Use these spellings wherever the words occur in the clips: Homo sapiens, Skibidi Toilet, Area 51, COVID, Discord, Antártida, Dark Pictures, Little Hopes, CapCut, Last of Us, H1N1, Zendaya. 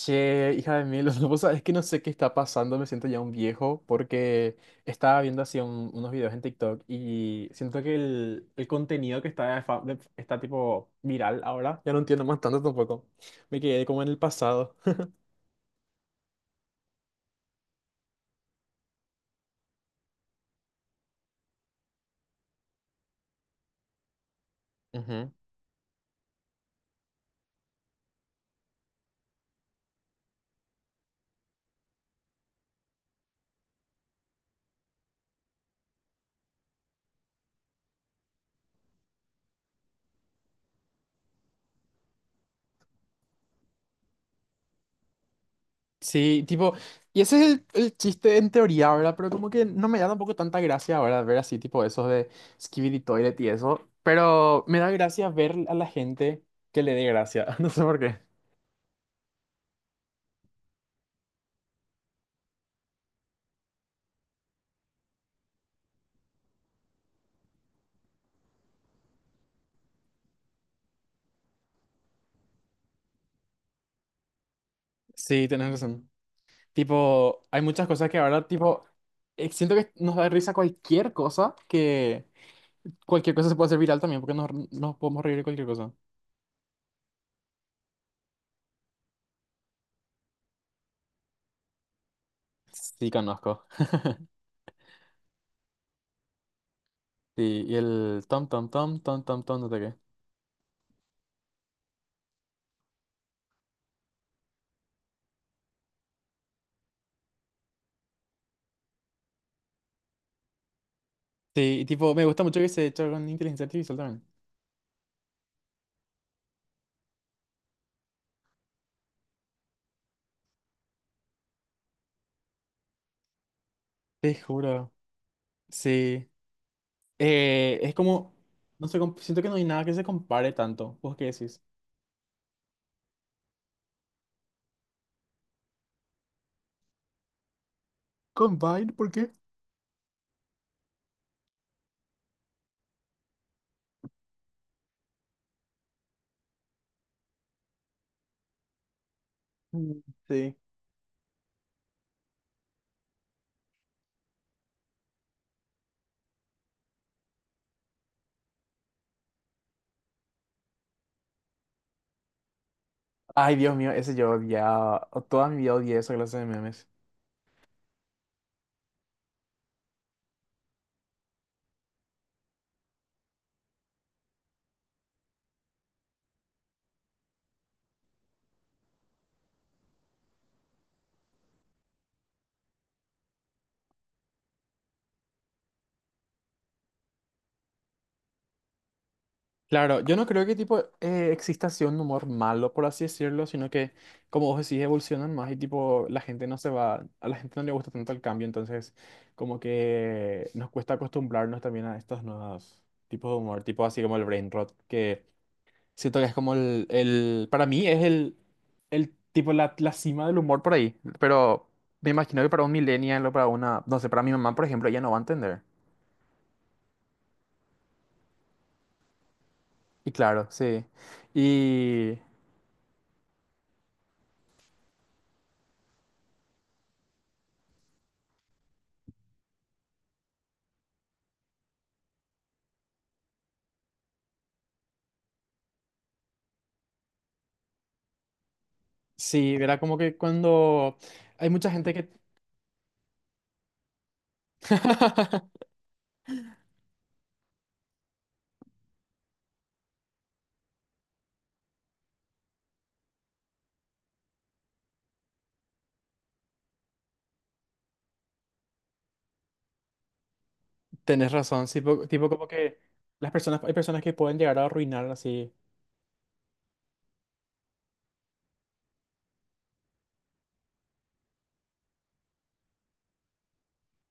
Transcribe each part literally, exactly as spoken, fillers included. Che, hija de mil, vos sabés que no sé qué está pasando, me siento ya un viejo porque estaba viendo así un- unos videos en TikTok y siento que el, el contenido que está, de fa- de- está tipo viral ahora, ya no entiendo más tanto tampoco. Me quedé como en el pasado. Ujú. Sí, tipo, y ese es el, el chiste en teoría, ¿verdad? Pero como que no me da tampoco tanta gracia ahora ver así, tipo, esos de Skibidi Toilet y eso. Pero me da gracia ver a la gente que le dé gracia, no sé por qué. Sí, tenés razón. Tipo, hay muchas cosas que ahora, tipo, eh, siento que nos da risa cualquier cosa, que cualquier cosa se puede hacer viral también, porque nos, nos podemos reír de cualquier cosa. Sí, conozco. Sí, y el tom, tom, tom, tom, tom, tom, no sé qué. Sí, y tipo, me gusta mucho que se hecho con inteligencia artificial también. Te juro. Sí. Eh, es como, no sé, com- siento que no hay nada que se compare tanto. ¿Vos qué decís? Combine, ¿por qué? Mm, sí. Ay, Dios mío, ese yo odiaba. Toda mi vida odié esa clase de memes. Claro, yo no creo que tipo eh, exista así un humor malo, por así decirlo, sino que, como vos decís, evolucionan más y tipo la gente no se va, a la gente no le gusta tanto el cambio, entonces como que nos cuesta acostumbrarnos también a estos nuevos tipos de humor, tipo así como el brain rot, que siento que es como el, el para mí es el, el tipo la, la cima del humor por ahí, pero me imagino que para un millennial o para una, no sé, para mi mamá, por ejemplo, ella no va a entender. Y claro, sí. Y. Sí, era como que cuando hay mucha gente que. Tenés razón, sí, po- tipo como que las personas, hay personas que pueden llegar a arruinar así.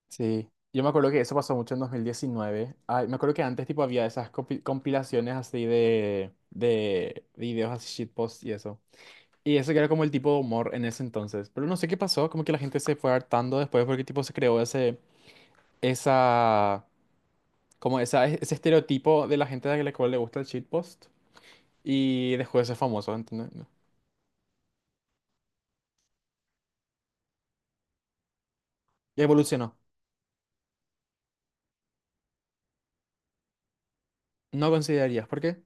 Sí, yo me acuerdo que eso pasó mucho en dos mil diecinueve. Ay, me acuerdo que antes tipo había esas compi- compilaciones así de, de videos así shitpost y eso. Y eso que era como el tipo de humor en ese entonces. Pero no sé qué pasó, como que la gente se fue hartando después porque tipo se creó ese, esa, como esa, ese estereotipo de la gente a la cual le gusta el shitpost. Y dejó de ser famoso, ¿entendés? Evolucionó. No considerarías, ¿por qué?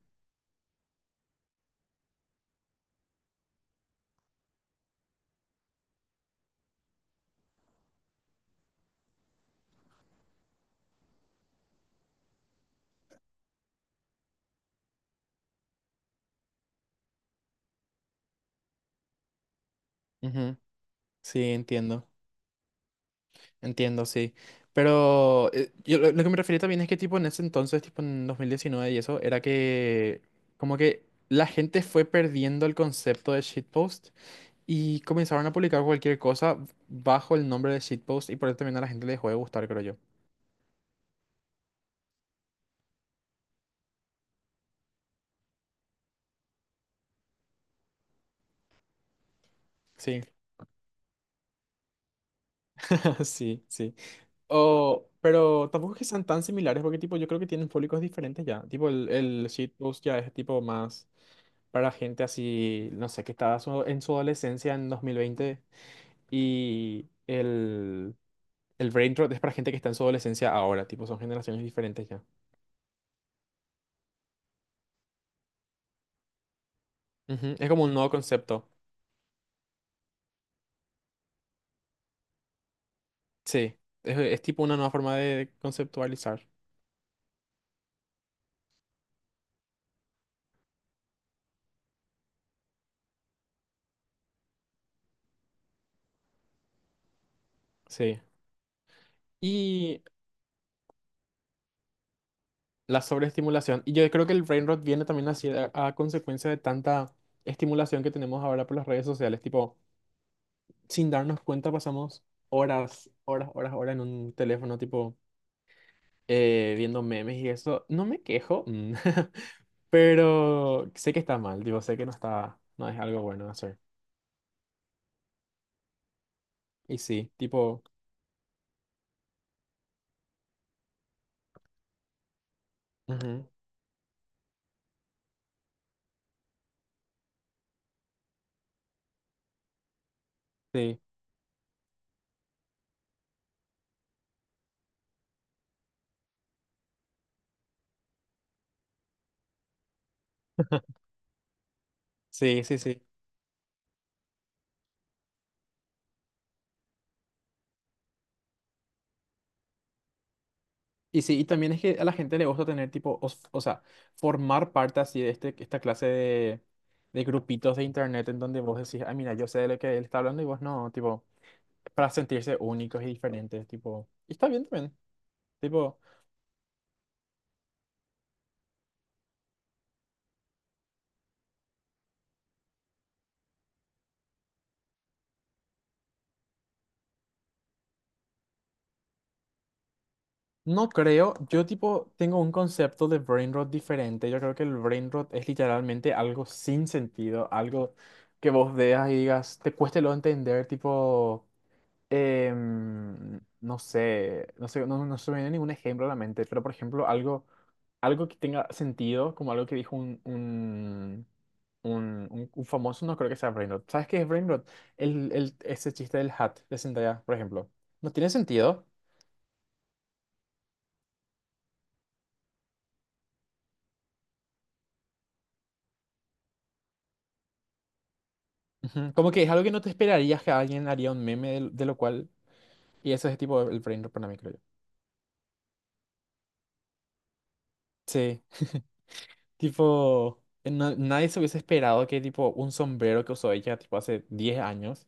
Ujú, sí, entiendo, entiendo, sí. Pero eh, yo lo, lo que me refería también es que tipo en ese entonces, tipo en dos mil diecinueve y eso, era que como que la gente fue perdiendo el concepto de shitpost y comenzaron a publicar cualquier cosa bajo el nombre de shitpost y por eso también a la gente le dejó de gustar, creo yo. Sí, sí, sí. O, pero tampoco es que sean tan similares porque tipo yo creo que tienen públicos diferentes ya. Tipo el, el shitpost ya es tipo más para gente así, no sé, que estaba su- en su adolescencia en dos mil veinte y el, el brain rot es para gente que está en su adolescencia ahora, tipo son generaciones diferentes ya. Ujú. Es como un nuevo concepto, sí. Es, es tipo una nueva forma de conceptualizar, sí. Y la sobreestimulación. Y yo creo que el brain rot viene también así a, a consecuencia de tanta estimulación que tenemos ahora por las redes sociales. Tipo, sin darnos cuenta pasamos horas, horas, horas, horas en un teléfono, tipo, eh, viendo memes y eso. No me quejo, mm, pero sé que está mal. Digo, sé que no está, no es algo bueno de hacer. Y sí, tipo, ujú, sí, sí, sí, sí. Y sí, y también es que a la gente le gusta tener tipo, o, s- o sea, formar parte así de este, esta clase de, de grupitos de internet en donde vos decís, ah, mira, yo sé de lo que él está hablando y vos no, tipo, para sentirse únicos y diferentes, tipo, y está bien también, tipo, no creo, yo tipo, tengo un concepto de brain rot diferente, yo creo que el brain rot es literalmente algo sin sentido, algo que vos veas y digas, te cueste lo entender, tipo. Em, no sé, no sé, no, no se me viene ningún ejemplo a la mente, pero por ejemplo, algo, algo que tenga sentido, como algo que dijo un, un, un, un- un famoso, no creo que sea Brain Rot. ¿Sabes qué es Brain Rot? El, el, ese chiste del hat de Zendaya, por ejemplo. No tiene sentido. Ujú, como que es algo que no te esperarías que alguien haría un meme de, de lo cual. Y eso es tipo el Brain Rot para mí, creo yo. Sí, tipo, eh, no- nadie se hubiese esperado que tipo un sombrero que usó ella tipo hace diez años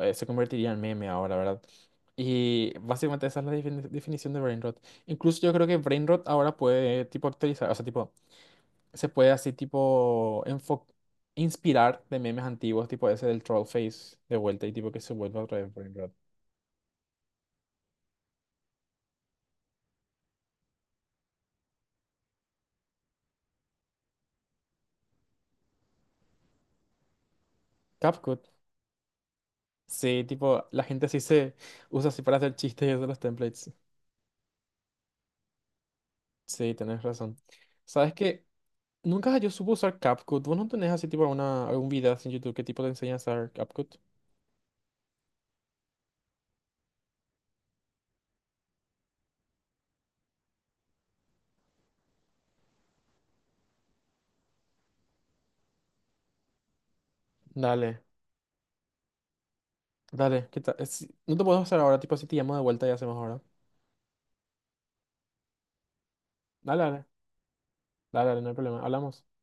eh, se convertiría en meme ahora, ¿verdad? Y básicamente esa es la defini- definición de brain rot. Incluso yo creo que brain rot ahora puede tipo actualizar, o sea, tipo, se puede así tipo enfo- inspirar de memes antiguos, tipo ese del troll face de vuelta y tipo que se vuelva otra vez brain rot. CapCut. Sí, tipo, la gente así se usa así para hacer chistes de los templates. Sí, tenés razón. ¿Sabes qué? Nunca yo supe usar CapCut. ¿Vos no tenés así tipo alguna, algún video así en YouTube que tipo te enseña a usar CapCut? Dale. Dale, ¿qué tal? Es- No te puedo hacer ahora, tipo, si te llamo de vuelta y hacemos ahora. Dale, dale, dale, dale, no hay problema. Hablamos.